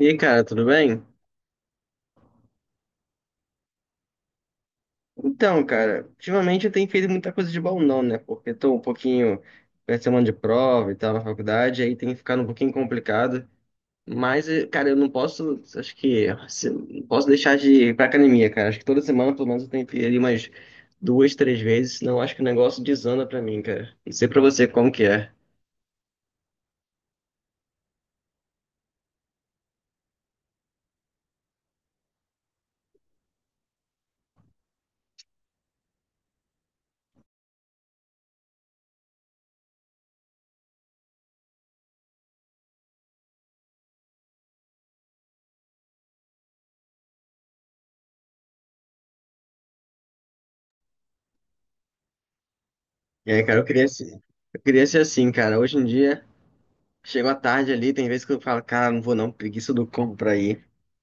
E aí, cara, tudo bem? Então, cara, ultimamente eu tenho feito muita coisa de bom não, né? Porque tô um pouquinho perto de semana de prova e tal na faculdade, aí tem ficado um pouquinho complicado. Mas, cara, eu não posso, acho que, não posso deixar de ir pra academia, cara. Acho que toda semana, pelo menos, eu tenho que ir ali umas duas, três vezes, senão eu acho que o negócio desanda pra mim, cara. Não sei pra você como que é. E aí, cara, eu queria ser assim, cara. Hoje em dia. Chegou à tarde ali, tem vezes que eu falo, cara, não vou não, preguiça do cão pra ir.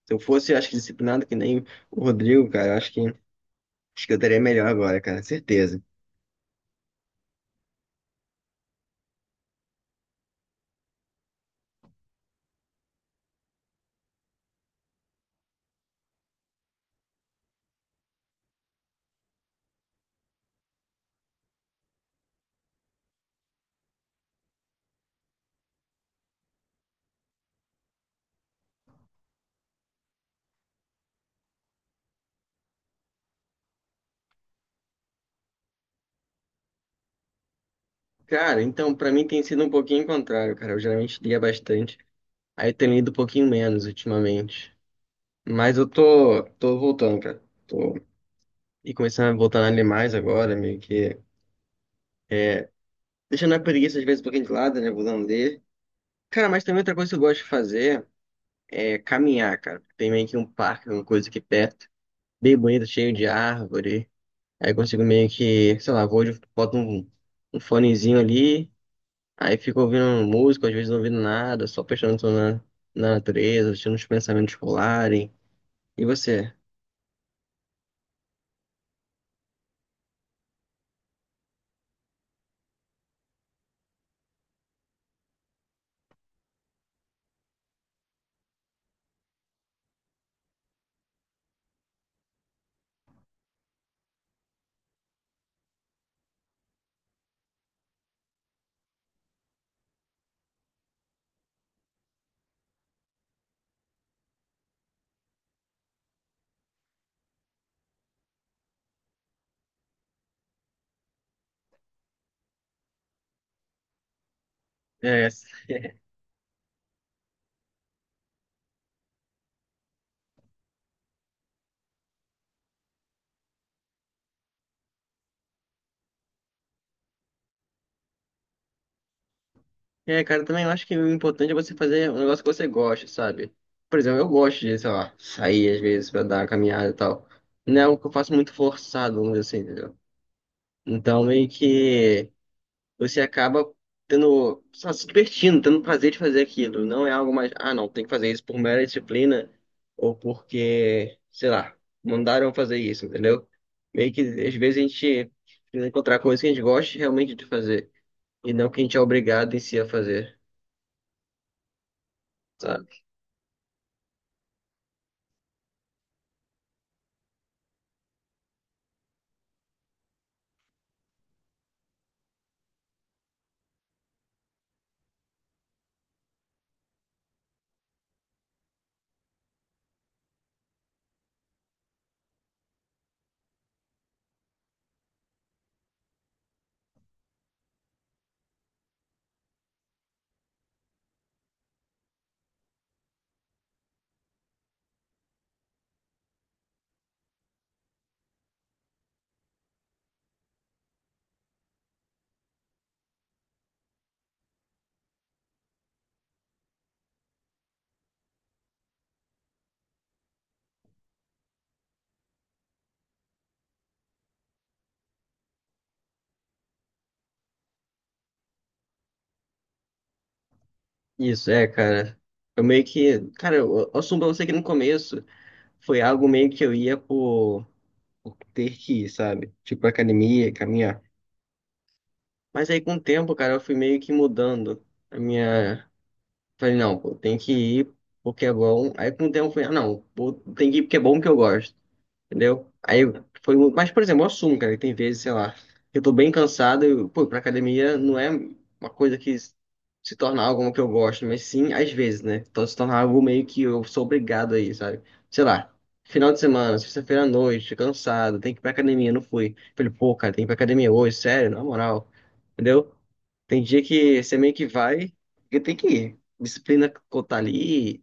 Se eu fosse, acho que disciplinado que nem o Rodrigo, cara, eu acho que eu estaria melhor agora, cara, certeza. Cara, então, pra mim tem sido um pouquinho contrário, cara. Eu geralmente lia bastante, aí eu tenho lido um pouquinho menos ultimamente. Mas eu tô, tô voltando, cara. Tô e começando a voltar a ler mais agora, meio que é, deixando a preguiça às vezes um pouquinho de lado, né, voltando a ler. Cara, mas também outra coisa que eu gosto de fazer é caminhar, cara. Tem meio que um parque, uma coisa aqui perto, bem bonito, cheio de árvore. Aí consigo meio que, sei lá, vou, boto um, um fonezinho ali, aí fico ouvindo música, às vezes não ouvindo nada, só prestando atenção na, na natureza, deixando os pensamentos rolarem. E você? É. É, cara, também eu acho que o importante é você fazer um negócio que você gosta, sabe? Por exemplo, eu gosto de, sei lá, sair às vezes pra dar uma caminhada e tal. Não é algo que eu faço muito forçado, vamos dizer assim, entendeu? Então, meio que você acaba tendo, só se divertindo, tendo prazer de fazer aquilo. Não é algo mais, ah, não, tem que fazer isso por mera disciplina ou porque, sei lá, mandaram fazer isso, entendeu? Meio que às vezes a gente precisa encontrar coisas que a gente gosta realmente de fazer e não que a gente é obrigado em si a fazer, sabe? Isso é, cara. Eu meio que, cara, eu assumo pra você que no começo foi algo meio que eu ia por ter que ir, sabe? Tipo, academia, caminhar. Mas aí com o tempo, cara, eu fui meio que mudando a minha. Falei, não, pô, tem que ir porque é bom. Aí com o tempo eu falei, ah, não, pô, tem que ir porque é bom que eu gosto, entendeu? Aí foi. Mas, por exemplo, eu assumo, cara, que tem vezes, sei lá, que eu tô bem cansado, eu, pô, pra academia não é uma coisa que se torna algo que eu gosto, mas sim, às vezes, né? Então se torna algo meio que eu sou obrigado aí, sabe? Sei lá. Final de semana, sexta-feira à noite, cansado, tem que ir pra academia, não fui. Falei, pô, cara, tem que ir pra academia hoje, sério, na moral, entendeu? Tem dia que você meio que vai, porque tem que ir. Disciplina tá ali,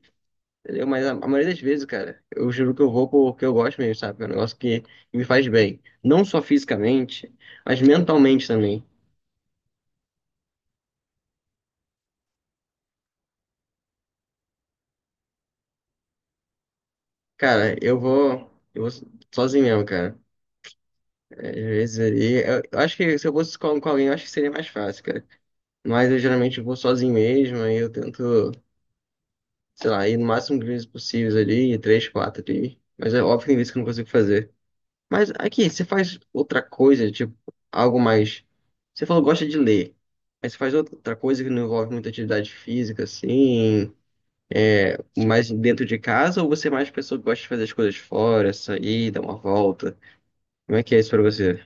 entendeu? Mas a maioria das vezes, cara, eu juro que eu vou porque eu gosto mesmo, sabe? É um negócio que me faz bem. Não só fisicamente, mas mentalmente também. Cara, eu vou sozinho mesmo, cara. Às vezes ali, eu acho que se eu fosse com alguém, eu acho que seria mais fácil, cara. Mas eu geralmente vou sozinho mesmo, aí eu tento, sei lá, ir no máximo de vezes possíveis ali, três, quatro ali. Mas é óbvio que tem vezes que eu não consigo fazer. Mas aqui, você faz outra coisa, tipo, algo mais. Você falou que gosta de ler. Mas você faz outra coisa que não envolve muita atividade física, assim, mais dentro de casa, ou você é mais pessoa que gosta de fazer as coisas fora, sair, dar uma volta? Como é que é isso pra você?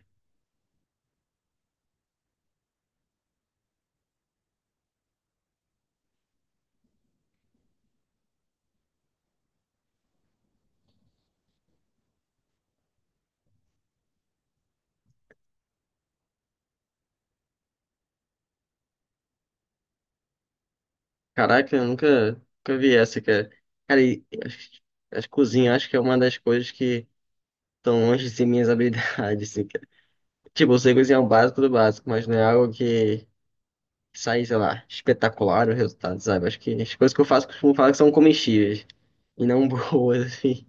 Caraca, eu nunca, nunca vi essa, cara. Cara, e acho que cozinha acho que é uma das coisas que estão longe de ser minhas habilidades, assim, cara. Tipo, eu sei cozinhar o básico do básico, mas não é algo que sair, sei lá, espetacular o resultado, sabe? Acho que as coisas que eu faço costumo falar que são comestíveis e não boas, assim.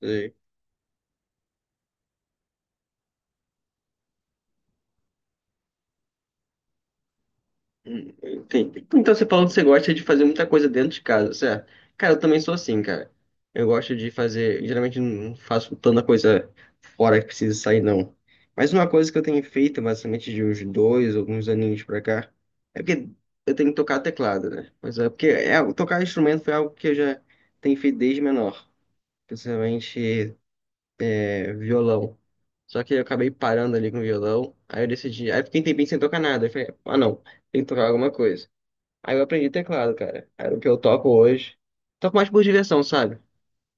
É. Enfim. Então você falou que você gosta de fazer muita coisa dentro de casa, certo? Cara, eu também sou assim, cara. Eu gosto de fazer. Geralmente não faço tanta coisa fora que precisa sair, não. Mas uma coisa que eu tenho feito, basicamente de uns dois, alguns aninhos pra cá, é porque eu tenho que tocar teclado, né? Mas é porque é, tocar instrumento foi algo que eu já tenho feito desde menor. Principalmente é, violão. Só que eu acabei parando ali com o violão. Aí eu decidi. Aí eu fiquei um tempinho sem tocar nada. Eu falei, ah, não, tem que tocar alguma coisa. Aí eu aprendi teclado, cara. Era o que eu toco hoje. Toco mais por diversão, sabe?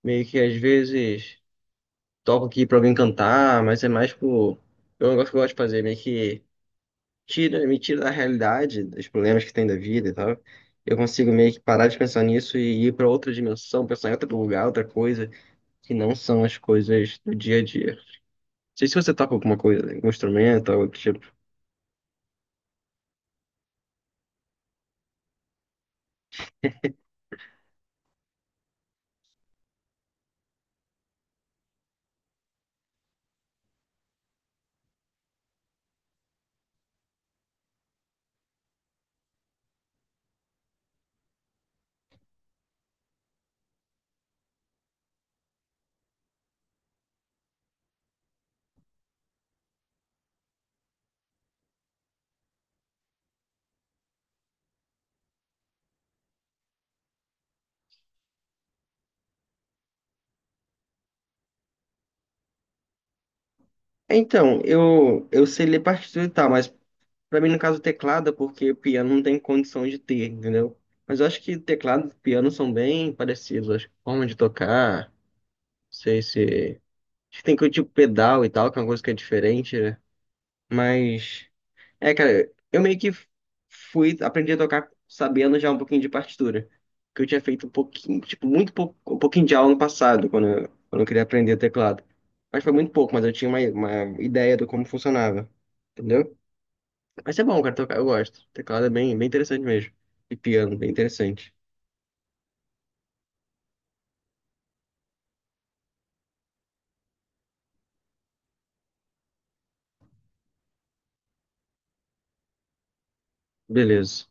Meio que às vezes toco aqui pra alguém cantar, mas é mais por. É um negócio que eu gosto de fazer, meio que tira, me tira da realidade, dos problemas que tem da vida e tal. Eu consigo meio que parar de pensar nisso e ir pra outra dimensão, pensar em outro lugar, outra coisa, que não são as coisas do dia a dia, sei se você toca alguma coisa, né? Algum instrumento, algo do tipo. Então, eu sei ler partitura e tal, mas pra mim, no caso, teclado, é porque piano não tem condição de ter, entendeu? Mas eu acho que teclado e piano são bem parecidos, acho que forma de tocar, não sei se... Acho que tem coisa tipo pedal e tal, que é uma coisa que é diferente, né? Mas... É, cara, eu meio que fui, aprendi a tocar sabendo já um pouquinho de partitura. Que eu tinha feito um pouquinho, tipo, muito pouco, um pouquinho de aula no passado, quando eu queria aprender teclado. Mas foi muito pouco, mas eu tinha uma ideia do como funcionava. Entendeu? Mas é bom, cara, tocar, eu gosto. Teclado é bem, bem interessante mesmo. E piano, bem interessante. Beleza.